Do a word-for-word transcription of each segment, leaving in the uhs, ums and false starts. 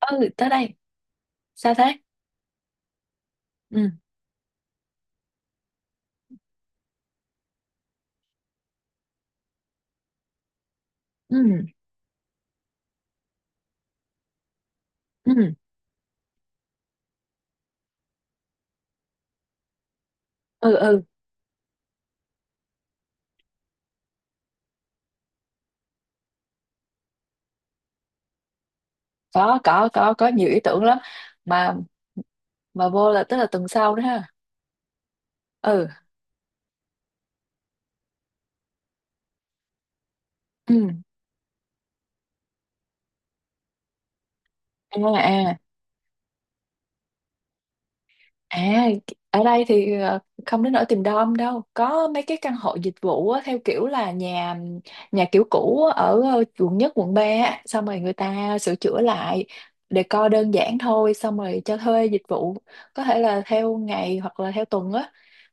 ừ tới đây. Sao thế? Ừ. Ừ. Ừ. Ừ. Ừ. có có có có nhiều ý tưởng lắm. mà mà vô là tức là tuần sau đó ha? Ừ. Ừ. à à À, ở đây thì ờ, không đến nỗi tìm đom đâu. Có mấy cái căn hộ dịch vụ á, theo kiểu là nhà nhà kiểu cũ ở ờ, quận nhất, quận ba á. Xong rồi người ta sửa chữa lại decor đơn giản thôi, xong rồi cho thuê dịch vụ. Có thể là theo ngày hoặc là theo tuần á.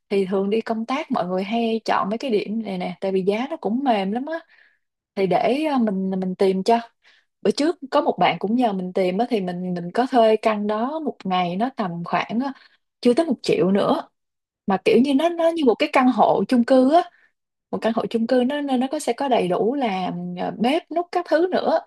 Thì thường đi công tác mọi người hay chọn mấy cái điểm này nè, tại vì giá nó cũng mềm lắm á. Thì để ờ, mình mình tìm cho bữa trước có một bạn cũng nhờ mình tìm á thì mình mình có thuê căn đó một ngày nó tầm khoảng á, chưa tới một triệu nữa. Mà kiểu như nó nó như một cái căn hộ chung cư á. Một căn hộ chung cư nó nó nó có sẽ có đầy đủ là ừ, bếp núc các thứ nữa,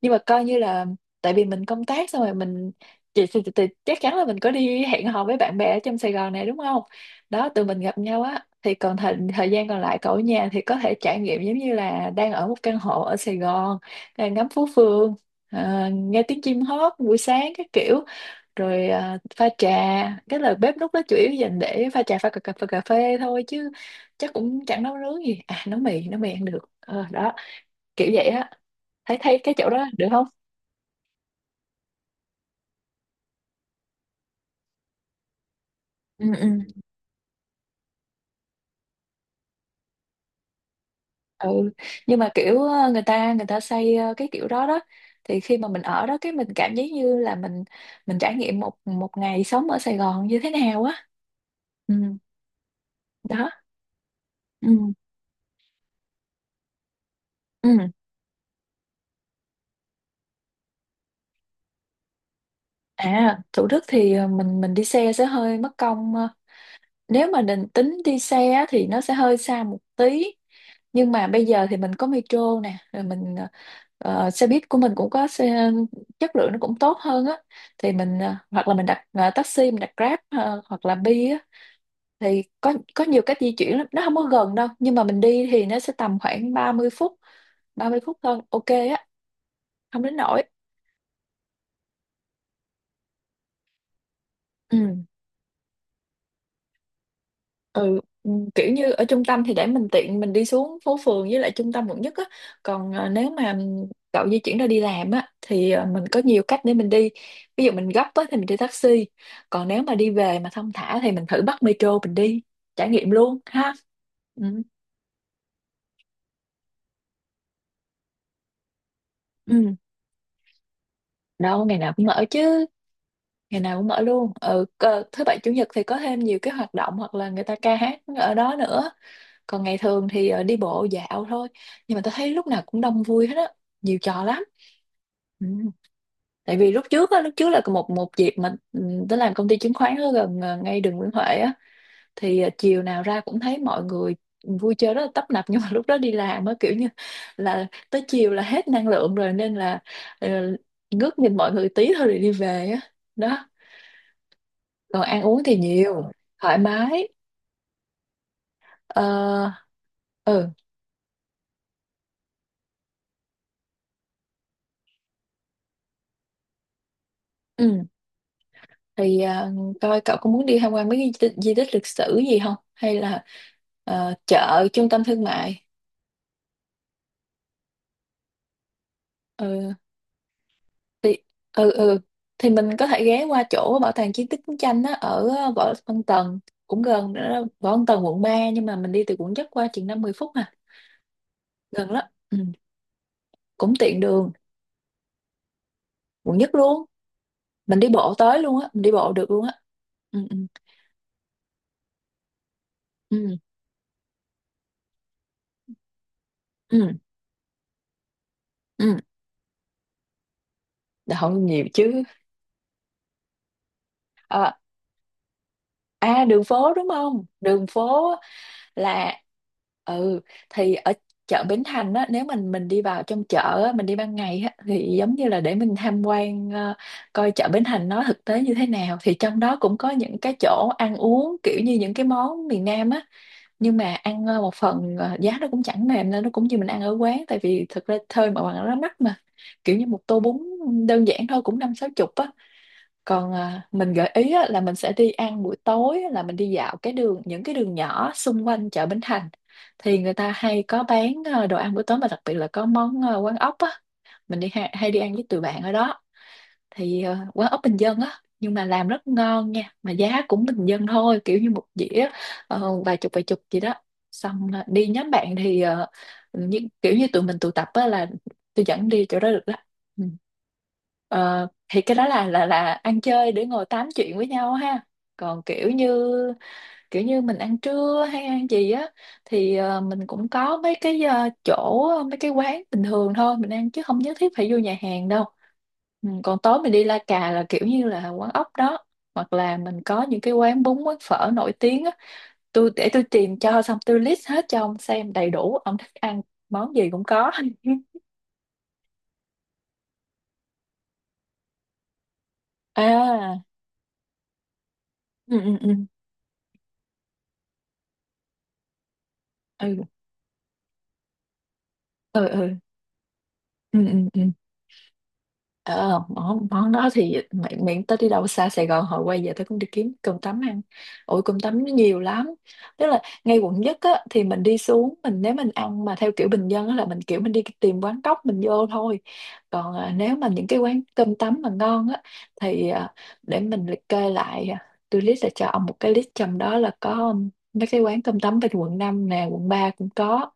nhưng mà coi như là tại vì mình công tác xong rồi mình chị thì, thì, thì chắc chắn là mình có đi hẹn hò với bạn bè ở trong Sài Gòn này đúng không? Đó, tụi mình gặp nhau á thì còn thời, thời gian còn lại cậu ở nhà thì có thể trải nghiệm giống như là đang ở một căn hộ ở Sài Gòn, à, ngắm phố phường, à, nghe tiếng chim hót buổi sáng các kiểu, rồi à, pha trà. Cái là bếp núc đó chủ yếu dành để pha trà pha cà, cà, pha cà phê thôi chứ chắc cũng chẳng nấu nướng gì, à, nấu mì nấu mì ăn được. Ờ, đó, kiểu vậy á. Thấy thấy cái chỗ đó được không? Ừ. Ừ. Ừ. Nhưng mà kiểu ờ, người ta người ta xây ờ, cái kiểu đó đó, thì khi mà mình ở đó cái mình cảm giác như là mình mình trải nghiệm một một ngày sống ở Sài Gòn như thế nào á. Ừ. Đó. Ừ. Ừ. À, Thủ Đức thì ờ, mình mình đi xe sẽ hơi mất công, ờ, nếu mà định tính đi xe á, thì nó sẽ hơi xa một tí. Nhưng mà bây giờ thì mình có metro nè rồi mình, ờ, xe buýt của mình cũng có xe chất lượng nó cũng tốt hơn á. Thì mình ờ, hoặc là mình đặt ờ, taxi, mình đặt Grab, ờ, hoặc là Bi á. Thì có có nhiều cách di chuyển lắm, nó không có gần đâu nhưng mà mình đi thì nó sẽ tầm khoảng ba mươi phút. Ba mươi phút thôi, ok á. Không đến nỗi. Ừ. Ừ. Ừ, kiểu như ở trung tâm thì để mình tiện mình đi xuống phố phường với lại trung tâm quận nhất á. Còn ờ, nếu mà cậu di chuyển ra đi làm á thì ờ, mình có nhiều cách để mình đi. Ví dụ mình gấp á thì mình đi taxi. Còn nếu mà đi về mà thong thả thì mình thử bắt metro mình đi, trải nghiệm luôn ha. Ừ. Ừ. Đâu ngày nào cũng mở chứ. Ngày nào cũng mở luôn, ừ, cờ- thứ bảy chủ nhật thì có thêm nhiều cái hoạt động hoặc là người ta ca hát ở đó nữa. Còn ngày thường thì ờ, đi bộ dạo thôi. Nhưng mà tôi thấy lúc nào cũng đông vui hết á, nhiều trò lắm. Ừ. Tại vì lúc trước á lúc trước là một một dịp mà ừ, tôi làm công ty chứng khoán ở gần ờ, ngay đường Nguyễn Huệ á. Thì ờ, chiều nào ra cũng thấy mọi người vui chơi rất là tấp nập, nhưng mà lúc đó đi làm á kiểu như là tới chiều là hết năng lượng rồi nên là ờ, ngước nhìn mọi người tí thôi rồi đi về á. Đó. Còn ăn uống thì nhiều, thoải mái. Ờ, ừ. Ừ. Thì à, coi cậu có muốn đi tham quan mấy cái di tích, di tích lịch sử gì không hay là ờ, chợ trung tâm thương mại. Ừ. Thì ừ. Ừ, thì mình có thể ghé qua chỗ bảo tàng chiến tích chiến tranh á ở ờ, Võ Văn Tần, cũng gần nữa đó. Võ Văn Tần quận ba nhưng mà mình đi từ quận nhất qua chừng năm mươi phút à. Gần lắm. Ừ. Cũng tiện đường, quận nhất luôn. Mình đi bộ tới luôn á, mình đi bộ được luôn á. Ừ. Ừ. Ừ. Ừ. Ừ. Đã không nhiều chứ. à, À, đường phố đúng không, đường phố là. Ừ, thì ở chợ Bến Thành á, nếu mình mình đi vào trong chợ á, mình đi ban ngày á, thì giống như là để mình tham quan ờ, coi chợ Bến Thành nó thực tế như thế nào thì trong đó cũng có những cái chỗ ăn uống kiểu như những cái món miền Nam á. Nhưng mà ăn ờ, một phần ờ, giá nó cũng chẳng mềm nên nó cũng như mình ăn ở quán tại vì thực ra thôi mà bằng nó mắc mà, kiểu như một tô bún đơn giản thôi cũng năm sáu chục á. Còn à, mình gợi ý á, là mình sẽ đi ăn buổi tối á, là mình đi dạo cái đường những cái đường nhỏ xung quanh chợ Bến Thành. Thì người ta hay có bán à, đồ ăn buổi tối mà đặc biệt là có món à, quán ốc á. Mình đi hay, hay đi ăn với tụi bạn ở đó. Thì ờ, quán ốc bình dân á nhưng mà làm rất ngon nha mà giá cũng bình dân thôi, kiểu như một dĩa ờ, vài chục vài chục gì đó. Xong ờ, đi nhóm bạn thì ờ, như, kiểu như tụi mình tụ tập á là tôi dẫn đi chỗ đó được đó. Ừ. Ờ, thì cái đó là là là ăn chơi để ngồi tám chuyện với nhau ha. Còn kiểu như kiểu như mình ăn trưa hay ăn gì á, thì ờ, mình cũng có mấy cái ờ, chỗ mấy cái quán bình thường thôi mình ăn chứ không nhất thiết phải vô nhà hàng đâu. Ừ, còn tối mình đi La Cà là kiểu như là quán ốc đó. Hoặc là mình có những cái quán bún quán phở nổi tiếng á, tôi để tôi tìm cho xong tôi list hết cho ông xem đầy đủ ông thích ăn món gì cũng có. À. Ừ. Ừ. Ừ. Ừ. Ừ. Ừ. Ừ. Ừ. Ờ, món, món đó thì miễn, miễn tới đi đâu xa Sài Gòn hồi quay về tôi cũng đi kiếm cơm tấm ăn. Ôi cơm tấm nó nhiều lắm. Tức là ngay quận nhất á, thì mình đi xuống mình nếu mình ăn mà theo kiểu bình dân á, là mình kiểu mình đi tìm quán cóc mình vô thôi. Còn à, nếu mà những cái quán cơm tấm mà ngon á thì à, để mình liệt kê lại, à, tôi list là cho ông một cái list trong đó là có mấy cái quán cơm tấm bên quận năm nè quận ba cũng có.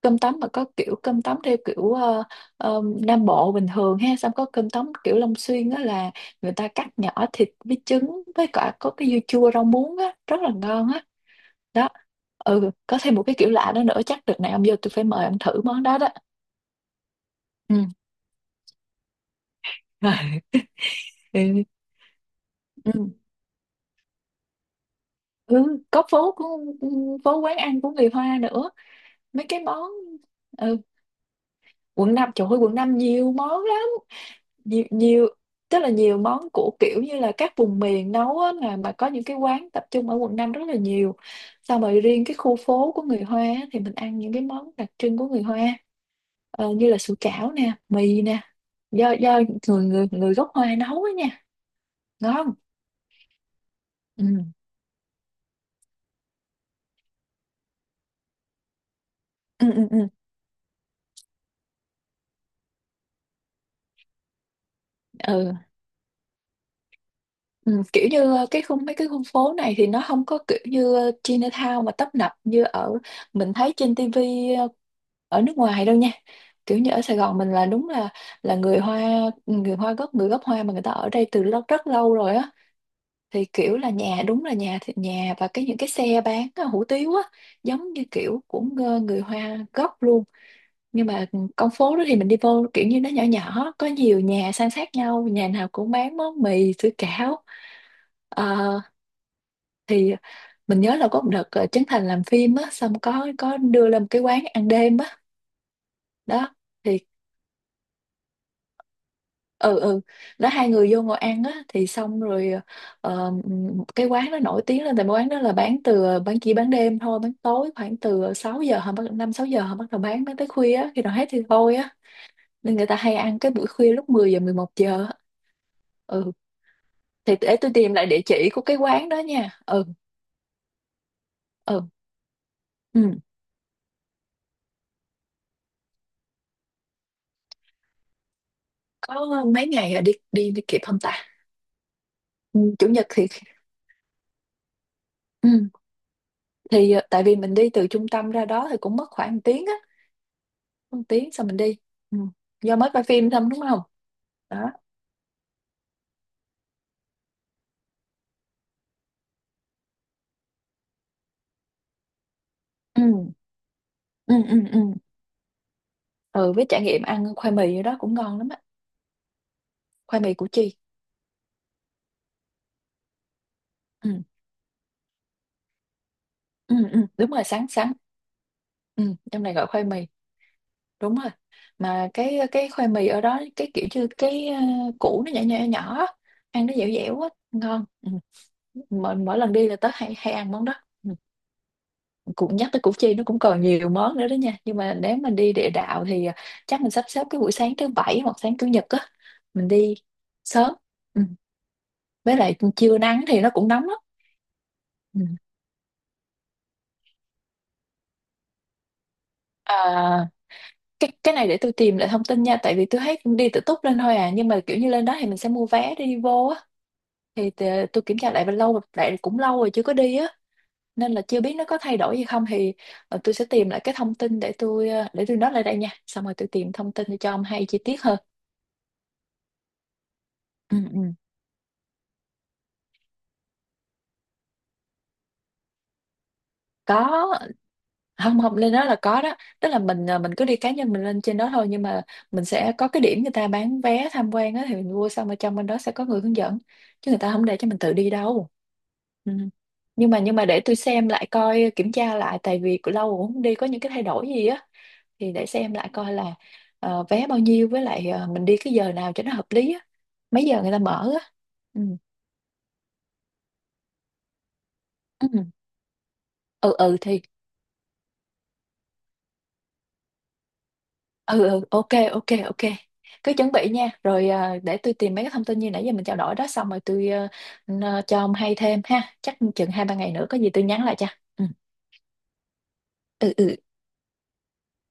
Cơm tấm mà có kiểu cơm tấm theo kiểu ờ, ờ, Nam Bộ bình thường ha, xong có cơm tấm kiểu Long Xuyên á là người ta cắt nhỏ thịt với trứng với cả có cái dưa chua rau muống á, rất là ngon á. Đó. Ừ, có thêm một cái kiểu lạ đó nữa, chắc đợt này ông vô tôi phải mời ông thử món đó đó. Ừ. Rồi. Ừ. Ừ. Ừ, có phố của ừ, phố quán ăn của người Hoa nữa. Mấy cái món. Ừ, quận năm trời ơi quận năm nhiều món lắm. Nhiều nhiều, tức là nhiều món của kiểu như là các vùng miền nấu á, là mà có những cái quán tập trung ở quận năm rất là nhiều. Xong rồi riêng cái khu phố của người Hoa á, thì mình ăn những cái món đặc trưng của người Hoa, ờ, như là sủi cảo nè mì nè, do do người người người gốc Hoa nấu á nha. Ngon. Ừ. Ừ. Ừ. Ừ. Ừ. Ừ, kiểu như ờ, cái khung mấy cái khu phố này thì nó không có kiểu như ờ, Chinatown mà tấp nập như ở mình thấy trên tivi, ờ, ở nước ngoài đâu nha. Kiểu như ở Sài Gòn mình là đúng là là người Hoa. Ừ, người Hoa gốc người gốc Hoa mà người ta ở đây từ lâu rất lâu rồi á, thì kiểu là nhà đúng là nhà thì nhà, và cái những cái xe bán ờ, hủ tiếu á, giống như kiểu của ngơ- người Hoa gốc luôn. Nhưng mà ừ, con phố đó thì mình đi vô kiểu như nó nhỏ nhỏ, có nhiều nhà san sát nhau, nhà nào cũng bán món mì sủi cảo. ờ, thì mình nhớ là có một đợt, ờ, Trấn Thành làm phim á, xong có có đưa lên một cái quán ăn đêm á. Đó thì ừ, ừ. Đó, hai người vô ngồi ăn á thì xong rồi, ờ, cái quán nó nổi tiếng lên tại quán đó là bán từ ờ, bán chỉ bán đêm thôi, bán tối khoảng từ sáu giờ, họ bắt năm sáu giờ họ bắt đầu bán bán tới khuya á, khi nào hết thì thôi á. Nên người ta hay ăn cái buổi khuya lúc mười giờ, mười một giờ á. Ừ, thì để tôi tìm lại địa chỉ của cái quán đó nha. Ừ, ừ, ừ. Có mấy ngày à, đi đi đi kịp không ta? Ừ, chủ nhật thì, ừ, thì ờ, tại vì mình đi từ trung tâm ra đó thì cũng mất khoảng một tiếng á, một tiếng xong mình đi. Ừ. Do mới coi phim xong đúng không? Đó. Ừ. Ừ, ừ, ừ. Ừ, với trải nghiệm ăn khoai mì ở đó cũng ngon lắm á. Khoai mì Củ Chi. Ừ. Ừ, ừ. Đúng rồi, sáng sáng. Ừ. Trong này gọi khoai mì, đúng rồi. Mà cái ờ, cái khoai mì ở đó cái kiểu như cái ờ, củ nó nhỏ nhỏ nhỏ á, ăn nó dẻo dẻo á, ngon. Ừ. mỗi, mỗi lần đi là tớ hay hay ăn món đó. Cũng nhắc tới Củ Chi, nó cũng còn nhiều món nữa đó nha, nhưng mà nếu mình đi địa đạo thì à, chắc mình sắp xếp cái buổi sáng thứ bảy hoặc sáng chủ nhật á, mình đi sớm. Ừ. Với lại trưa nắng thì nó cũng nóng lắm. Ừ. À, cái cái này để tôi tìm lại thông tin nha, tại vì tôi thấy cũng đi tự túc lên thôi à, nhưng mà kiểu như lên đó thì mình sẽ mua vé để đi vô á. Thì tờ- tôi kiểm tra lại, và lâu lại cũng lâu rồi chưa có đi á, nên là chưa biết nó có thay đổi gì không thì, ờ, tôi sẽ tìm lại cái thông tin để tôi ờ, để tôi nói lại đây nha, xong rồi tôi tìm thông tin cho ông hay chi tiết hơn. Ừ, ừ. Có. Không, không, lên đó là có đó, tức là mình à, mình cứ đi cá nhân mình lên trên đó thôi, nhưng mà mình sẽ có cái điểm người ta bán vé tham quan á, thì mình mua xong ở trong bên đó sẽ có người hướng dẫn, chứ người ta không để cho mình tự đi đâu. Ừ. nhưng mà nhưng mà để tôi xem lại coi, kiểm tra lại, tại vì cũng lâu rồi không đi, có những cái thay đổi gì á, thì để xem lại coi là, ờ, vé bao nhiêu, với lại, ờ, mình đi cái giờ nào cho nó hợp lý á, mấy giờ người ta mở á. Ừ. Ừ. Ừ, ừ, thì. Ừ, ừ, ok, ok, ok. Cứ chuẩn bị nha, rồi à, để tôi tìm mấy cái thông tin như nãy giờ mình trao đổi đó, xong rồi tôi, ờ, n- cho ông hay thêm ha, chắc chừng hai ba ngày nữa có gì tôi nhắn lại cho. Ừ, ừ, ừ.